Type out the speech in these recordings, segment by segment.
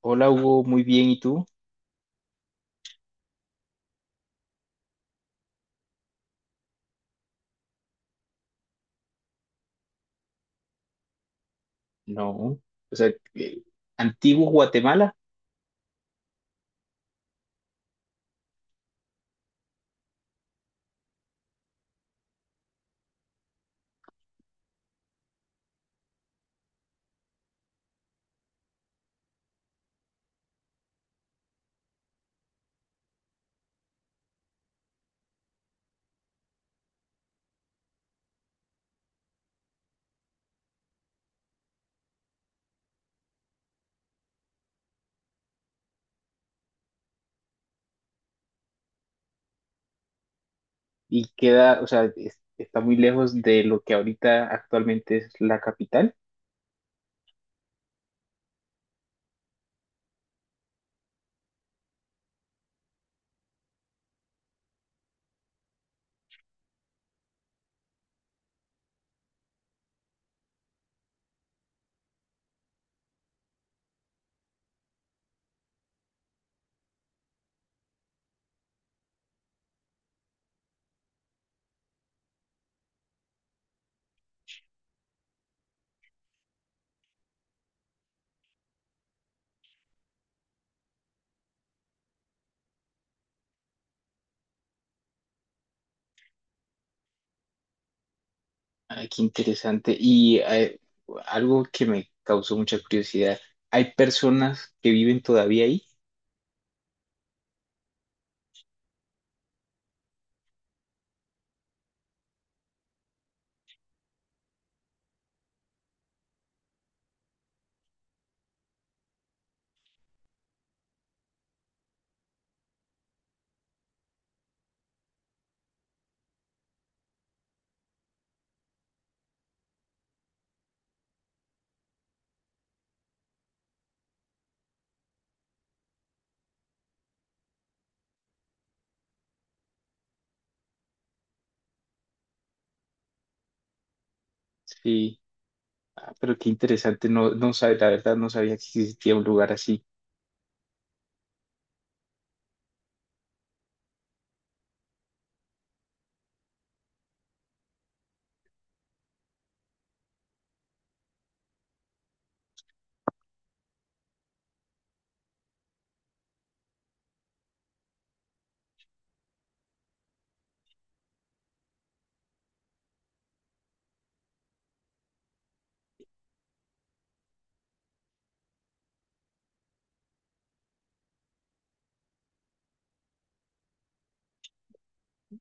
Hola Hugo, muy bien, ¿y tú? No, o sea, antiguo Guatemala. Y queda, o sea, está muy lejos de lo que ahorita actualmente es la capital. Ay, qué interesante. Y algo que me causó mucha curiosidad, ¿hay personas que viven todavía ahí? Sí. Ah, pero qué interesante, no, no sabe, la verdad no sabía que existía un lugar así.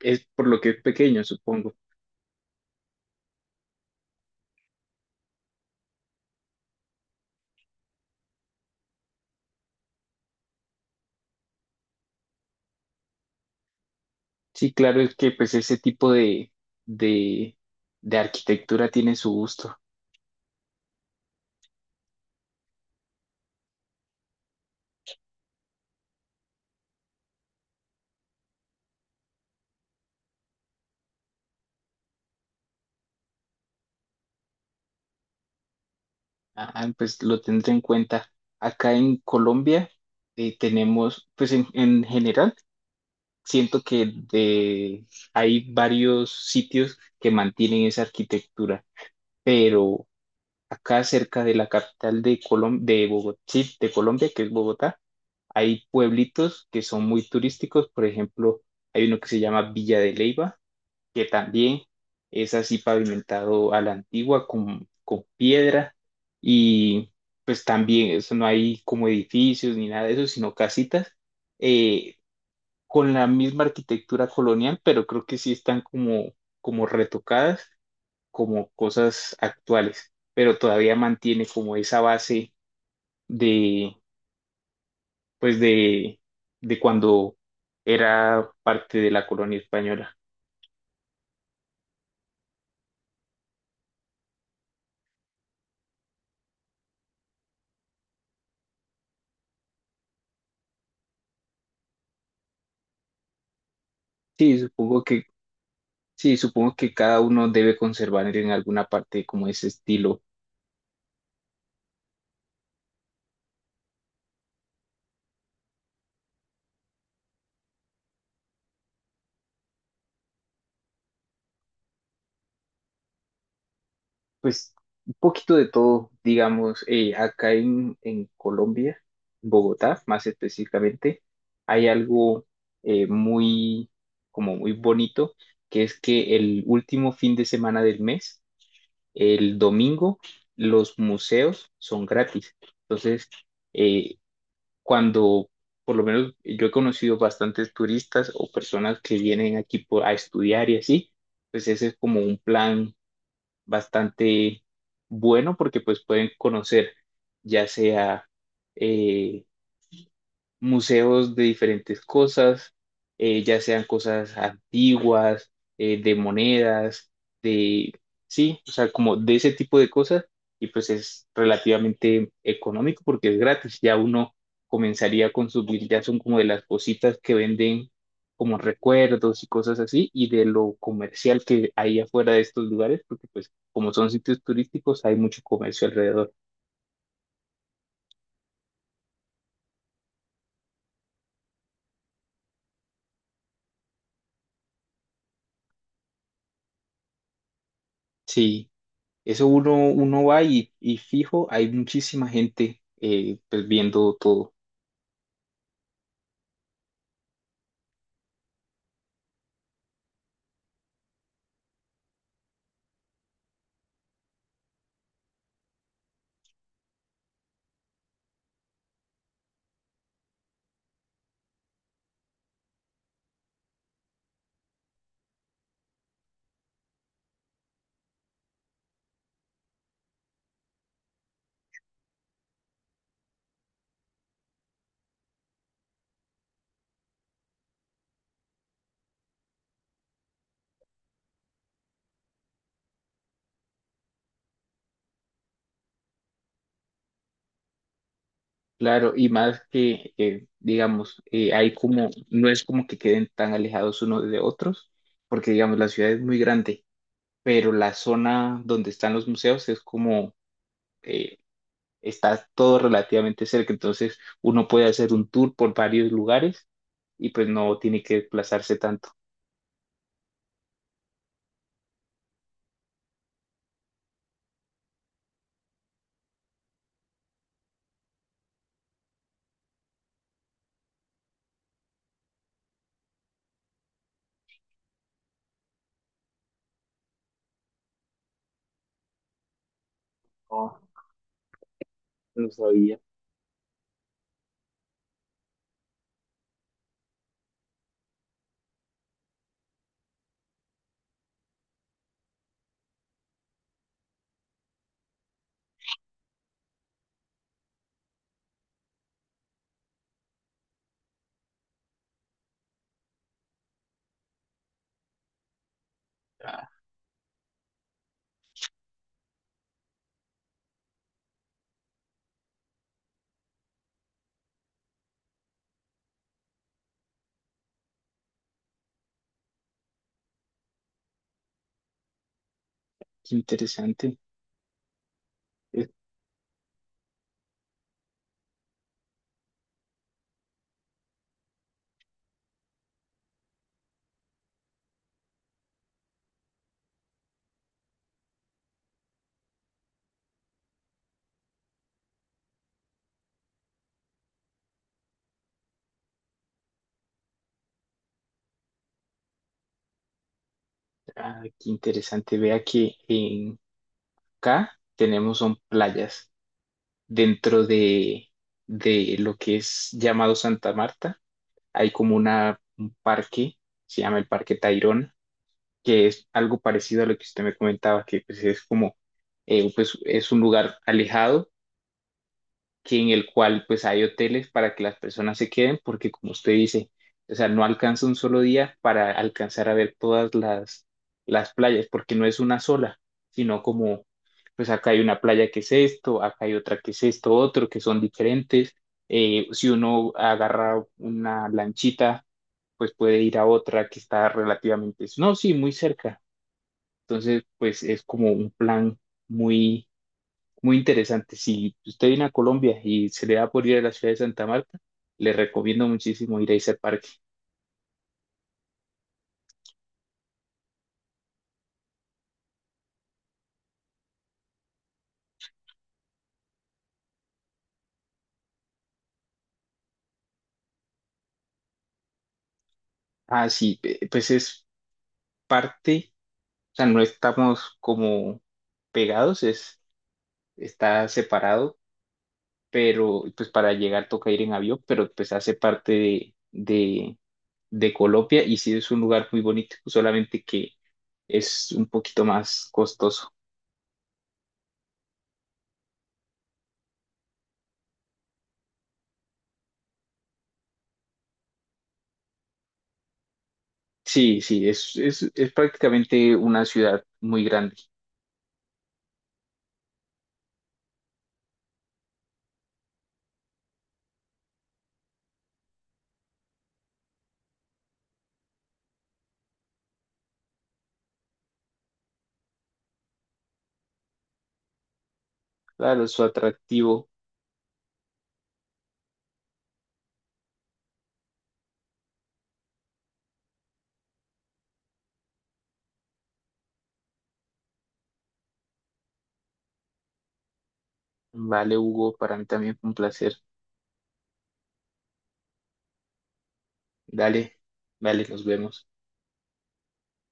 Es por lo que es pequeño, supongo. Sí, claro, es que pues ese tipo de, de arquitectura tiene su gusto. Ajá, pues lo tendré en cuenta. Acá en Colombia tenemos, pues en general, siento que hay varios sitios que mantienen esa arquitectura, pero acá cerca de la capital de de Bogotá, de Colombia, que es Bogotá, hay pueblitos que son muy turísticos. Por ejemplo, hay uno que se llama Villa de Leyva, que también es así pavimentado a la antigua con piedra, y pues también eso no hay como edificios ni nada de eso, sino casitas eh, con la misma arquitectura colonial, pero creo que sí están como, como retocadas como cosas actuales, pero todavía mantiene como esa base de pues de cuando era parte de la colonia española. Sí, supongo que sí, supongo que cada uno debe conservar en alguna parte como ese estilo. Pues un poquito de todo, digamos, acá en Colombia, en Bogotá más específicamente, hay algo muy, como muy bonito, que es que el último fin de semana del mes, el domingo, los museos son gratis. Entonces, eh, cuando, por lo menos yo he conocido bastantes turistas o personas que vienen aquí a estudiar y así, pues ese es como un plan bastante bueno porque pues pueden conocer, ya sea eh, museos de diferentes cosas, ya sean cosas antiguas, de monedas, de, sí, o sea, como de ese tipo de cosas, y pues es relativamente económico porque es gratis. Ya uno comenzaría a consumir, ya son como de las cositas que venden como recuerdos y cosas así, y de lo comercial que hay afuera de estos lugares, porque pues como son sitios turísticos, hay mucho comercio alrededor. Sí. Eso uno, uno va y fijo, hay muchísima gente pues viendo todo. Claro, y más que, digamos, hay como, no es como que queden tan alejados unos de otros, porque digamos, la ciudad es muy grande, pero la zona donde están los museos es como, eh, está todo relativamente cerca. Entonces uno puede hacer un tour por varios lugares y pues no tiene que desplazarse tanto. No, no sabía. Qué interesante. Ah, qué interesante. Vea que en K tenemos son playas. Dentro de lo que es llamado Santa Marta, hay como una, un parque, se llama el Parque Tayrona, que es algo parecido a lo que usted me comentaba, que pues, es como, pues, es un lugar alejado, que en el cual pues hay hoteles para que las personas se queden, porque como usted dice, o sea, no alcanza un solo día para alcanzar a ver todas las playas, porque no es una sola, sino como, pues acá hay una playa que es esto, acá hay otra que es esto, otro, que son diferentes. Si uno agarra una lanchita, pues puede ir a otra que está relativamente, no, sí, muy cerca. Entonces, pues es como un plan muy muy interesante. Si usted viene a Colombia y se le da por ir a la ciudad de Santa Marta, le recomiendo muchísimo ir a ese parque. Ah, sí, pues es parte, o sea, no estamos como pegados, es, está separado, pero pues para llegar toca ir en avión, pero pues hace parte de Colombia, y sí es un lugar muy bonito, solamente que es un poquito más costoso. Sí, sí, es prácticamente una ciudad muy grande. Claro, su atractivo. Vale, Hugo, para mí también fue un placer. Dale, dale, nos vemos.